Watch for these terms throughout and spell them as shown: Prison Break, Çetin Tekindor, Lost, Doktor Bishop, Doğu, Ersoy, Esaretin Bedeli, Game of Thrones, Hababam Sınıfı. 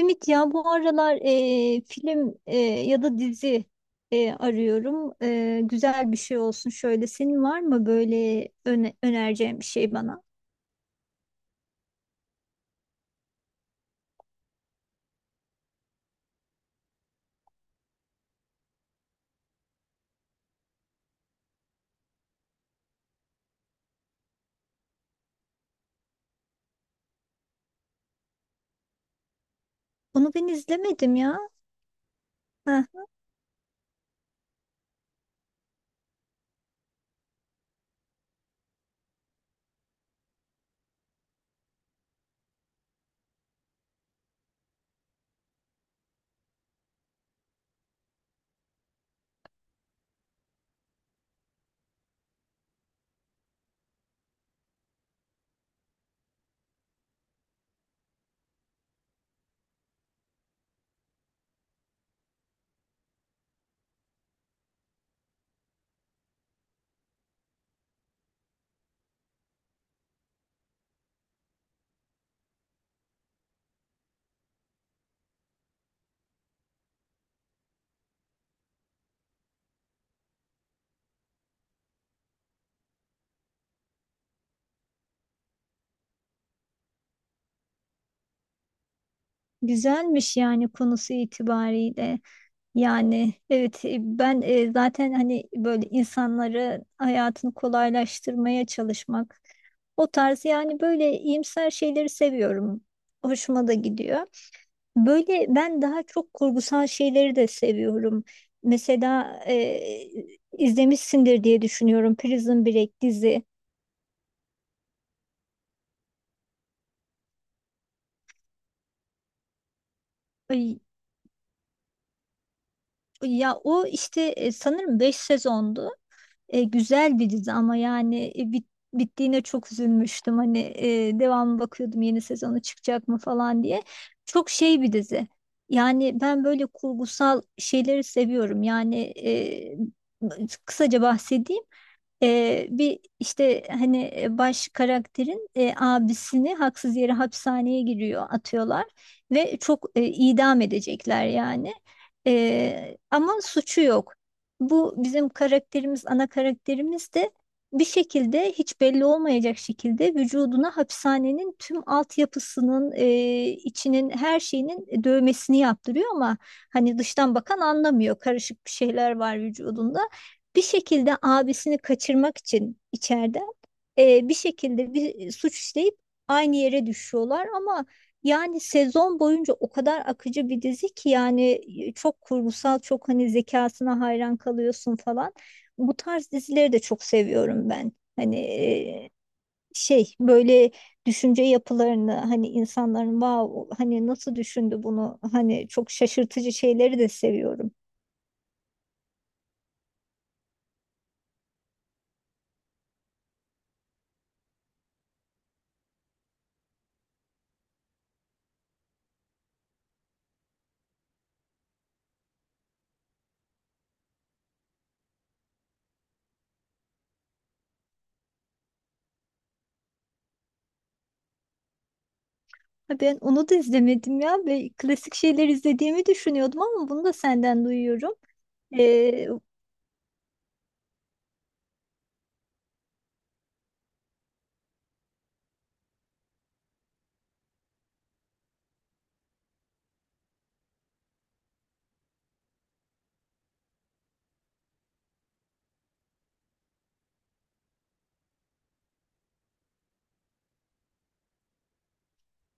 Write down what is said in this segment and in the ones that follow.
Ümit, ya bu aralar film, ya da dizi arıyorum. Güzel bir şey olsun şöyle. Senin var mı böyle önereceğin bir şey bana? Onu ben izlemedim ya. Heh, güzelmiş yani konusu itibariyle. Yani evet, ben zaten hani böyle insanları hayatını kolaylaştırmaya çalışmak, o tarz yani böyle iyimser şeyleri seviyorum. Hoşuma da gidiyor. Böyle ben daha çok kurgusal şeyleri de seviyorum. Mesela izlemişsindir diye düşünüyorum Prison Break dizi. Ay, ya o işte sanırım 5 sezondu. Güzel bir dizi ama yani bittiğine çok üzülmüştüm. Hani devamı bakıyordum, yeni sezonu çıkacak mı falan diye. Çok şey bir dizi. Yani ben böyle kurgusal şeyleri seviyorum. Yani e, kısaca bahsedeyim. Bir işte hani baş karakterin abisini haksız yere hapishaneye giriyor, atıyorlar ve çok idam edecekler yani. Ama suçu yok. Bu bizim karakterimiz, ana karakterimiz de bir şekilde hiç belli olmayacak şekilde vücuduna hapishanenin tüm altyapısının içinin, her şeyinin dövmesini yaptırıyor ama hani dıştan bakan anlamıyor, karışık bir şeyler var vücudunda. Bir şekilde abisini kaçırmak için içeride bir şekilde bir suç işleyip aynı yere düşüyorlar ama yani sezon boyunca o kadar akıcı bir dizi ki yani çok kurgusal, çok hani zekasına hayran kalıyorsun falan. Bu tarz dizileri de çok seviyorum ben. Hani şey, böyle düşünce yapılarını, hani insanların, wow, hani nasıl düşündü bunu, hani çok şaşırtıcı şeyleri de seviyorum. Ha, ben onu da izlemedim ya. Ve klasik şeyler izlediğimi düşünüyordum ama bunu da senden duyuyorum. Ee,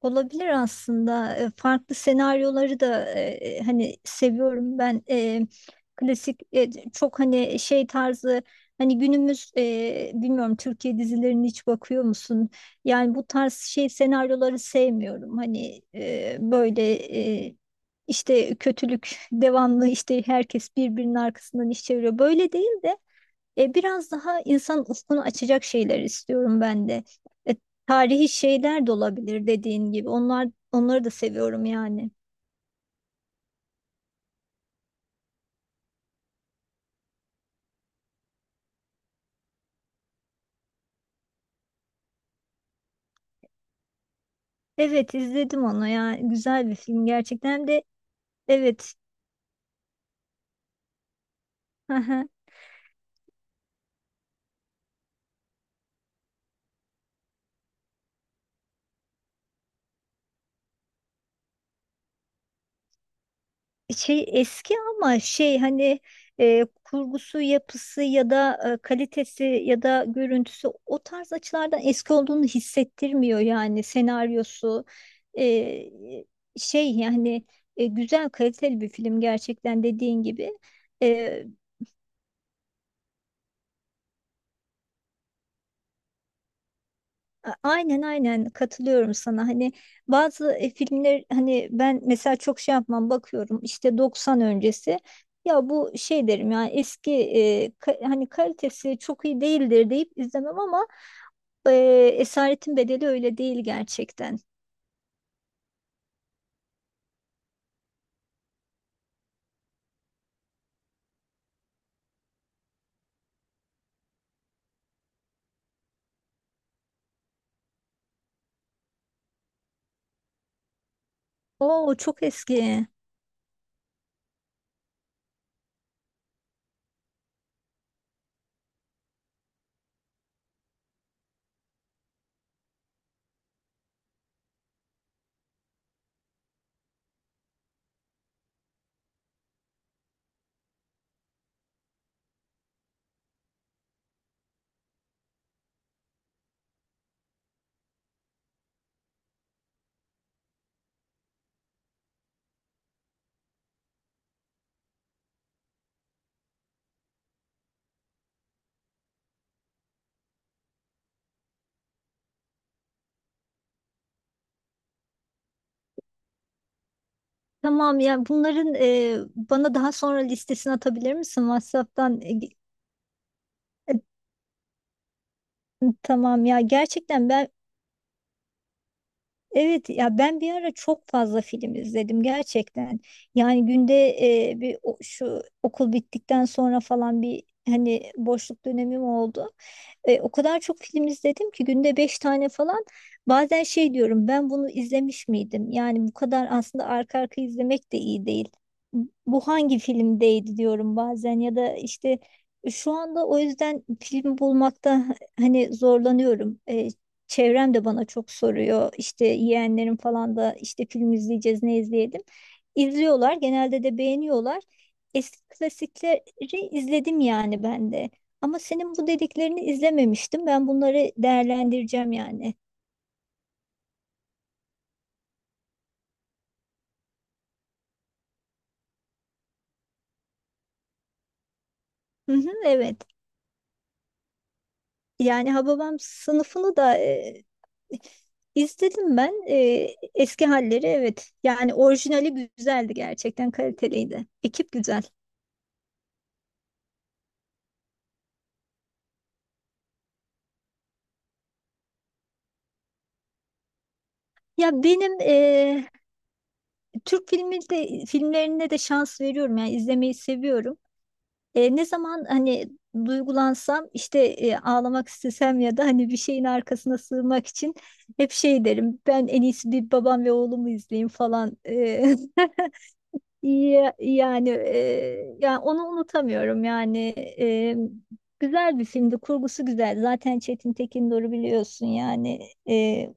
Olabilir aslında. Farklı senaryoları da hani seviyorum ben. Klasik, çok hani şey tarzı, hani günümüz, bilmiyorum, Türkiye dizilerini hiç bakıyor musun? Yani bu tarz şey senaryoları sevmiyorum. Hani böyle e, işte kötülük devamlı, işte herkes birbirinin arkasından iş çeviriyor. Böyle değil de biraz daha insan ufkunu açacak şeyler istiyorum ben de. E, Tarihi şeyler de olabilir dediğin gibi. Onlar, onları da seviyorum yani. Evet, izledim onu ya. Güzel bir film gerçekten de, evet. Şey eski ama şey hani kurgusu, yapısı ya da kalitesi ya da görüntüsü, o tarz açılardan eski olduğunu hissettirmiyor yani senaryosu. E, Şey yani, güzel, kaliteli bir film gerçekten, dediğin gibi. E, Aynen, aynen katılıyorum sana. Hani bazı filmler, hani ben mesela çok şey yapmam, bakıyorum işte 90 öncesi. Ya bu, şey derim yani, hani kalitesi çok iyi değildir deyip izlemem ama e, Esaretin Bedeli öyle değil gerçekten. Oo, çok eski. Tamam ya, bunların bana daha sonra listesini atabilir misin WhatsApp'tan? Tamam ya, gerçekten ben. Evet ya, ben bir ara çok fazla film izledim gerçekten. Yani günde şu okul bittikten sonra falan bir hani boşluk dönemim oldu. O kadar çok film izledim ki, günde beş tane falan. Bazen şey diyorum, ben bunu izlemiş miydim? Yani bu kadar aslında arka arka izlemek de iyi değil. Bu hangi filmdeydi diyorum bazen, ya da işte şu anda o yüzden film bulmakta hani zorlanıyorum. Çevrem de bana çok soruyor. İşte yeğenlerim falan da, işte film izleyeceğiz, ne izleyelim. İzliyorlar. Genelde de beğeniyorlar. Eski klasikleri izledim yani ben de. Ama senin bu dediklerini izlememiştim. Ben bunları değerlendireceğim yani. Hı hı, evet. Yani Hababam sınıfını da izledim ben. Eski halleri, evet. Yani orijinali güzeldi gerçekten, kaliteliydi. Ekip güzel. Ya benim Türk filmi de, filmlerine de şans veriyorum yani, izlemeyi seviyorum. Ne zaman hani duygulansam, işte ağlamak istesem ya da hani bir şeyin arkasına sığmak için, hep şey derim, ben en iyisi bir Babam ve Oğlum'u izleyeyim falan. Yani, yani onu unutamıyorum yani. E, Güzel bir filmdi, kurgusu güzel, zaten Çetin Tekindor'u biliyorsun yani.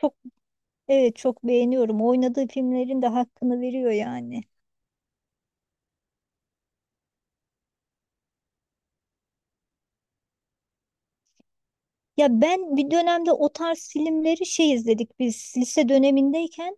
Çok, evet, çok beğeniyorum, oynadığı filmlerin de hakkını veriyor yani. Ya ben bir dönemde o tarz filmleri şey, izledik biz lise dönemindeyken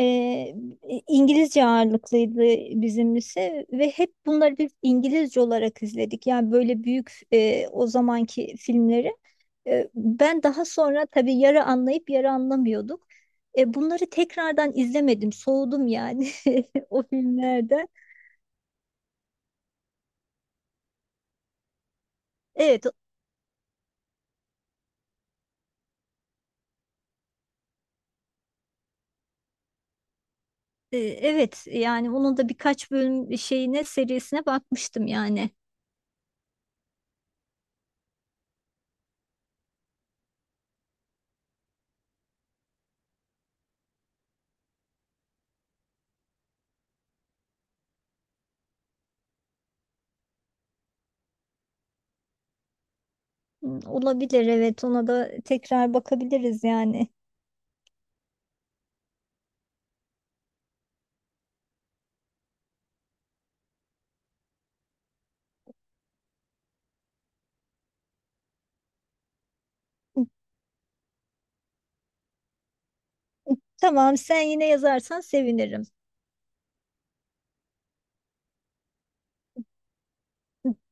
e, İngilizce ağırlıklıydı bizim lise, ve hep bunları biz İngilizce olarak izledik. Yani böyle büyük o zamanki filmleri. Ben daha sonra tabii, yarı anlayıp yarı anlamıyorduk. Bunları tekrardan izlemedim, soğudum yani o filmlerden. Evet, evet yani onun da birkaç bölüm şeyine, serisine bakmıştım yani. Hmm, olabilir, evet, ona da tekrar bakabiliriz yani. Tamam, sen yine yazarsan sevinirim.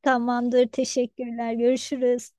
Tamamdır, teşekkürler, görüşürüz.